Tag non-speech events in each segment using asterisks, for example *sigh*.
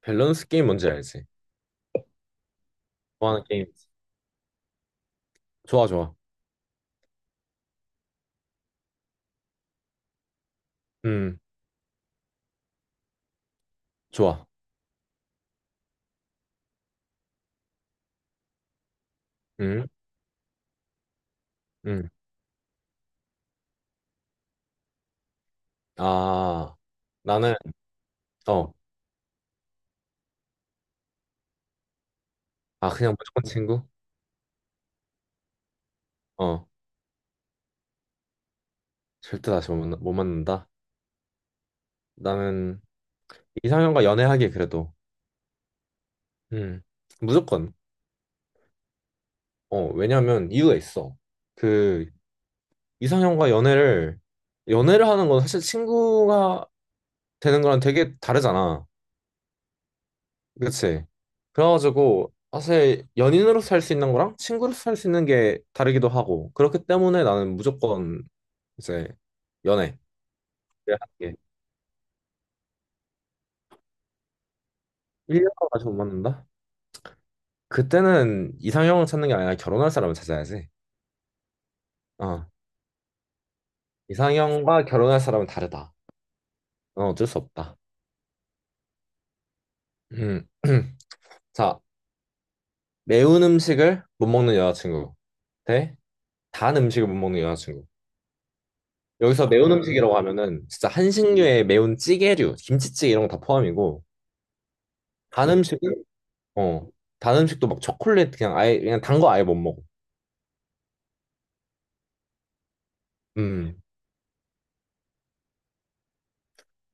밸런스 게임 뭔지 알지? 좋아하는 게임. 좋아, 좋아. 음, 좋아. 음, 음. 아, 나는, 어, 아, 그냥 무조건 친구? 어, 절대 다시 못, 만나, 못 만난다. 나는 이상형과 연애하기 그래도, 음, 무조건. 어, 왜냐면 이유가 있어. 그, 이상형과 연애를 하는 건 사실 친구가 되는 거랑 되게 다르잖아. 그치. 그래가지고 사실 연인으로서 할 수 있는 거랑 친구로서 할 수 있는 게 다르기도 하고 그렇기 때문에 나는 무조건 이제 연애 를 하는 게 1년 동안 다시 못 만난다? 그때는 이상형을 찾는 게 아니라 결혼할 사람을 찾아야지. 어. 이상형과 결혼할 사람은 다르다. 어, 어쩔 수 없다. 음. *clears throat* 자, 매운 음식을 못 먹는 여자친구 대 단 음식을 못 먹는 여자친구. 여기서 매운 음식이라고 하면은 진짜 한식류의 매운 찌개류, 김치찌개 이런 거 다 포함이고 단 음식은 어. 단 음식도 막 초콜릿 그냥 아예 그냥 단 거 아예 못 먹어. 음.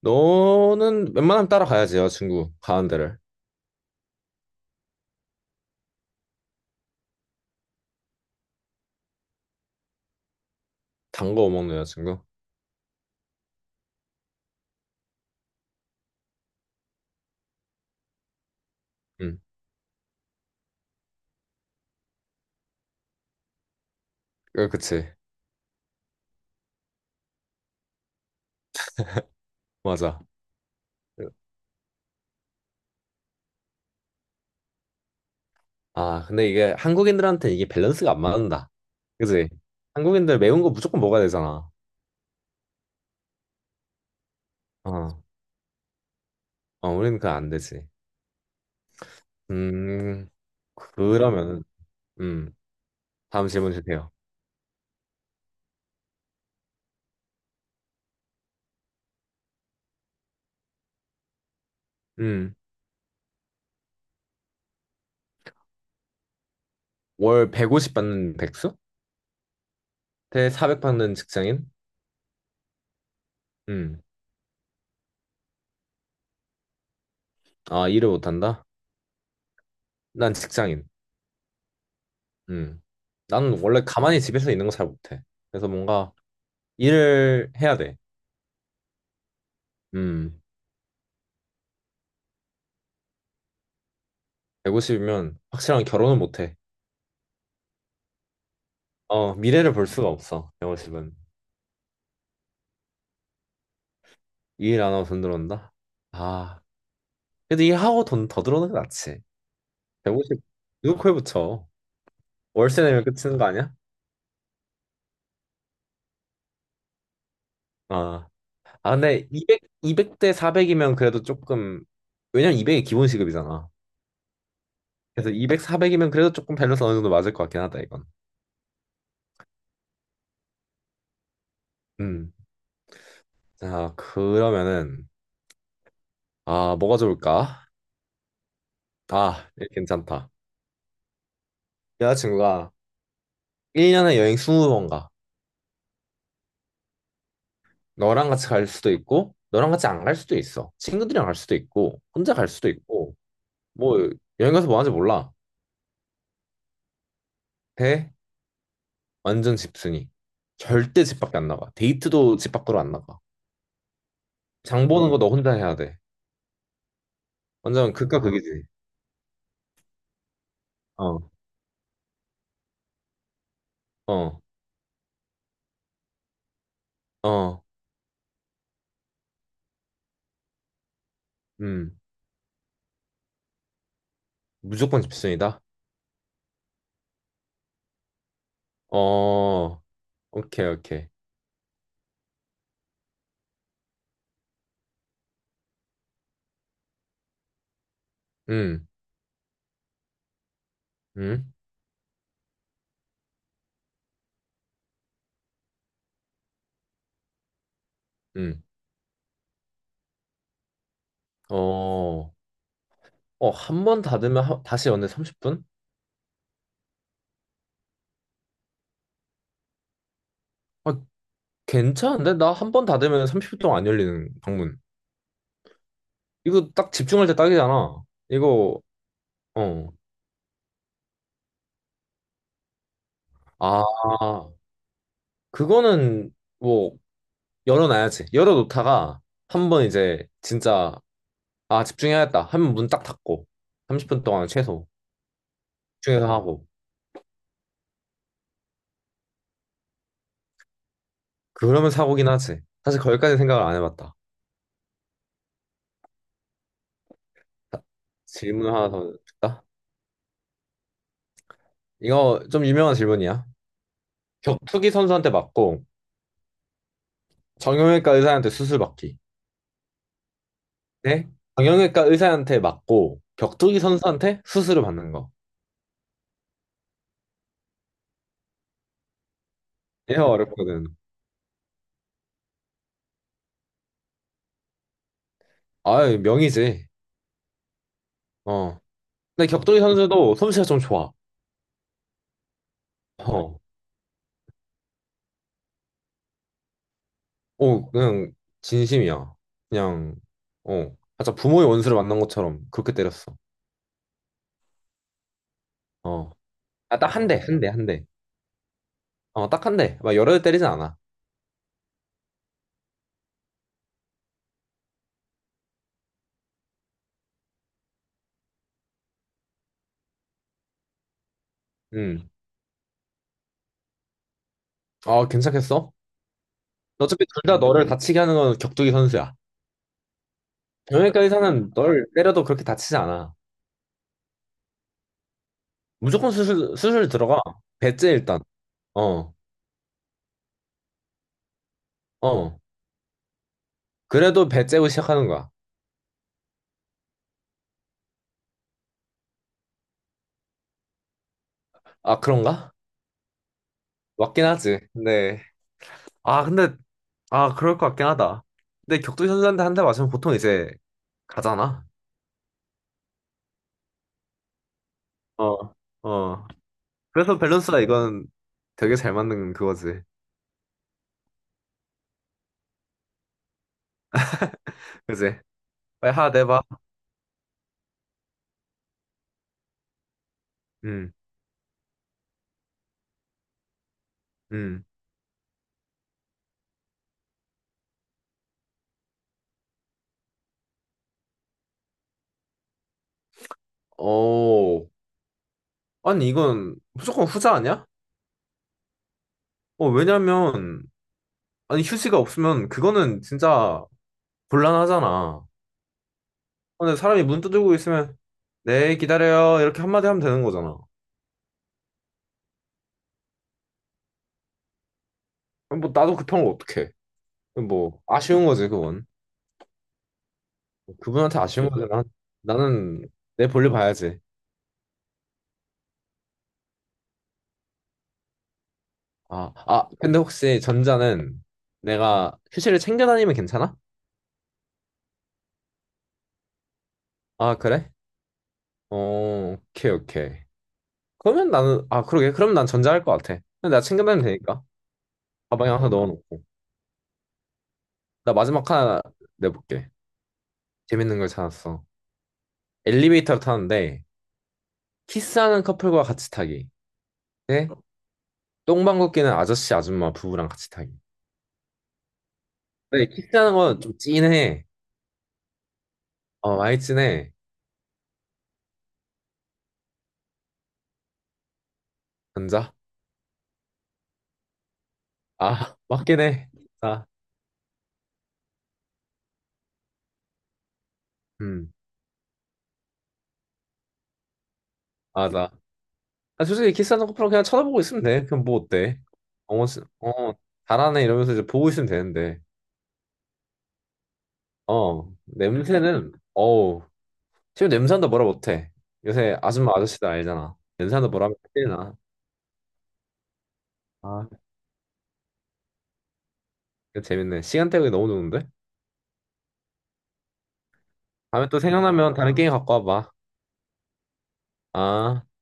너는 웬만하면 따라가야지 여자친구 가는 데를. 단 거 못 먹는 여자친구. 음. 그치. 맞아. 아 근데 이게 한국인들한테 이게 밸런스가 안 맞는다. 그치? 한국인들 매운 거 무조건 먹어야 되잖아. 어. 어 우리는 그거 안 되지. 음. 그러면은 음. 다음 질문 주세요. 음. 월 150 받는 백수? 대 400 받는 직장인? 음. 아 일을 못한다? 난 직장인. 음. 나는 원래 가만히 집에서 있는 거 잘 못해. 그래서 뭔가 일을 해야 돼. 음. 150이면 확실한 결혼은 못해. 어, 미래를 볼 수가 없어. 150은. 일 안 하고 돈 들어온다? 아. 그래도 일하고 돈 더 들어오는 게 낫지. 150 누구 코에 붙여. 월세 내면 끝이는 거 아니야? 아. 아, 근데 200, 백대 400이면 그래도 조금, 왜냐면 200이 기본 시급이잖아. 그래서 200, 400이면 그래도 조금 밸런스 어느 정도 맞을 것 같긴 하다, 이건. 음. 자, 그러면은, 아, 뭐가 좋을까? 아, 이거 괜찮다. 여자친구가 1년에 여행 20번 가. 너랑 같이 갈 수도 있고, 너랑 같이 안 갈 수도 있어. 친구들이랑 갈 수도 있고, 혼자 갈 수도 있고, 뭐, 여행 가서 뭐 하는지 몰라. 대, 완전 집순이. 절대 집 밖에 안 나가. 데이트도 집 밖으로 안 나가. 장 보는 거 너 혼자 해야 돼. 완전 극과 극이지. 어, 어, 어, 음. 무조건 집순이다? 어, 오케이, 오케이. 음, 음. 음. 어, 어, 한 번 닫으면 다시 연애 30분? 아, 괜찮은데? 나 한 번 닫으면 30분 동안 안 열리는 방문. 이거 딱 집중할 때 딱이잖아. 이거, 어. 아, 그거는 뭐, 열어놔야지. 열어놓다가 한 번 이제 진짜, 아, 집중해야겠다. 하면 문 딱 닫고. 30분 동안 최소 집중해서 하고. 그러면 사고긴 하지. 사실 거기까지 생각을 안 해봤다. 자, 질문 하나 더 줄까? 이거 좀 유명한 질문이야. 격투기 선수한테 맞고, 정형외과 의사한테 수술 받기. 네? 정형외과 의사한테 맞고 격투기 선수한테 수술을 받는 거. 얘가 어렵거든. 아유, 명이지. 어. 근데 격투기 선수도 솜씨가 좀 좋아. 어. 어, 그냥 진심이야. 그냥 어. 맞아, 부모의 원수를 만난 것처럼 그렇게 때렸어. 어. 아, 딱 한 대, 한 대, 한 대. 어, 딱 한 대. 막 여러 대 때리진 않아. 음. 아, 괜찮겠어? 어차피 둘 다 너를 다치게 하는 건 격투기 선수야. 정형외과 의사는 널 때려도 그렇게 다치지 않아. 무조건 수술, 수술 들어가. 배째 일단. 어, 어. 그래도 배째고 시작하는 거야. 아, 그런가? 맞긴 하지. 네. 아, 근데, 아, 그럴 것 같긴 하다. 근데 격투 선수한테 한 대 맞으면 보통 이제 가잖아. 어, 어. 그래서 밸런스가 이건 되게 잘 맞는 그거지. 그지? 빨리 하나 내봐. 음, 음. 오. 아니, 이건 무조건 후자 아니야? 어, 왜냐면, 아니, 휴지가 없으면 그거는 진짜 곤란하잖아. 근데 사람이 문 두드리고 있으면 네 기다려요 이렇게 한마디 하면 되는 거잖아. 그럼 뭐 나도 급한 걸 어떡해. 그럼 뭐 아쉬운 거지 그건. 그분한테 아쉬운 거지. 나는 내 볼일 봐야지. 아, 근데 혹시 전자는 내가 휴지를 챙겨 다니면 괜찮아? 아 그래? 어 오케이 오케이. 그러면 나는 아 그러게 그럼 난 전자 할 것 같아. 근데 내가 챙겨 다니면 되니까 가방에 항상 넣어놓고. 나 마지막 하나 내볼게. 재밌는 걸 찾았어. 엘리베이터를 타는데 키스하는 커플과 같이 타기. 네? 똥방 걷기는 아저씨 아줌마 부부랑 같이 타기. 근데 키스하는 건 좀 찐해. 어, 많이 찐해. 남자? 아, *laughs* 맞긴 해. 아, 음, 맞아. 아, 솔직히 키스하는 커플은 그냥 쳐다보고 있으면 돼. 그럼 뭐 어때? 어, 씨, 어, 잘하네 이러면서 이제 보고 있으면 되는데. 어, 냄새는, 어우, 지금 냄새한다 뭐라 못해. 요새 아줌마 아저씨들 알잖아. 냄새한다 뭐라 하면 큰일 나. 아, 재밌네. 시간 때우기 너무 좋은데? 다음에 또 생각나면 다른 게임 갖고 와봐. 아.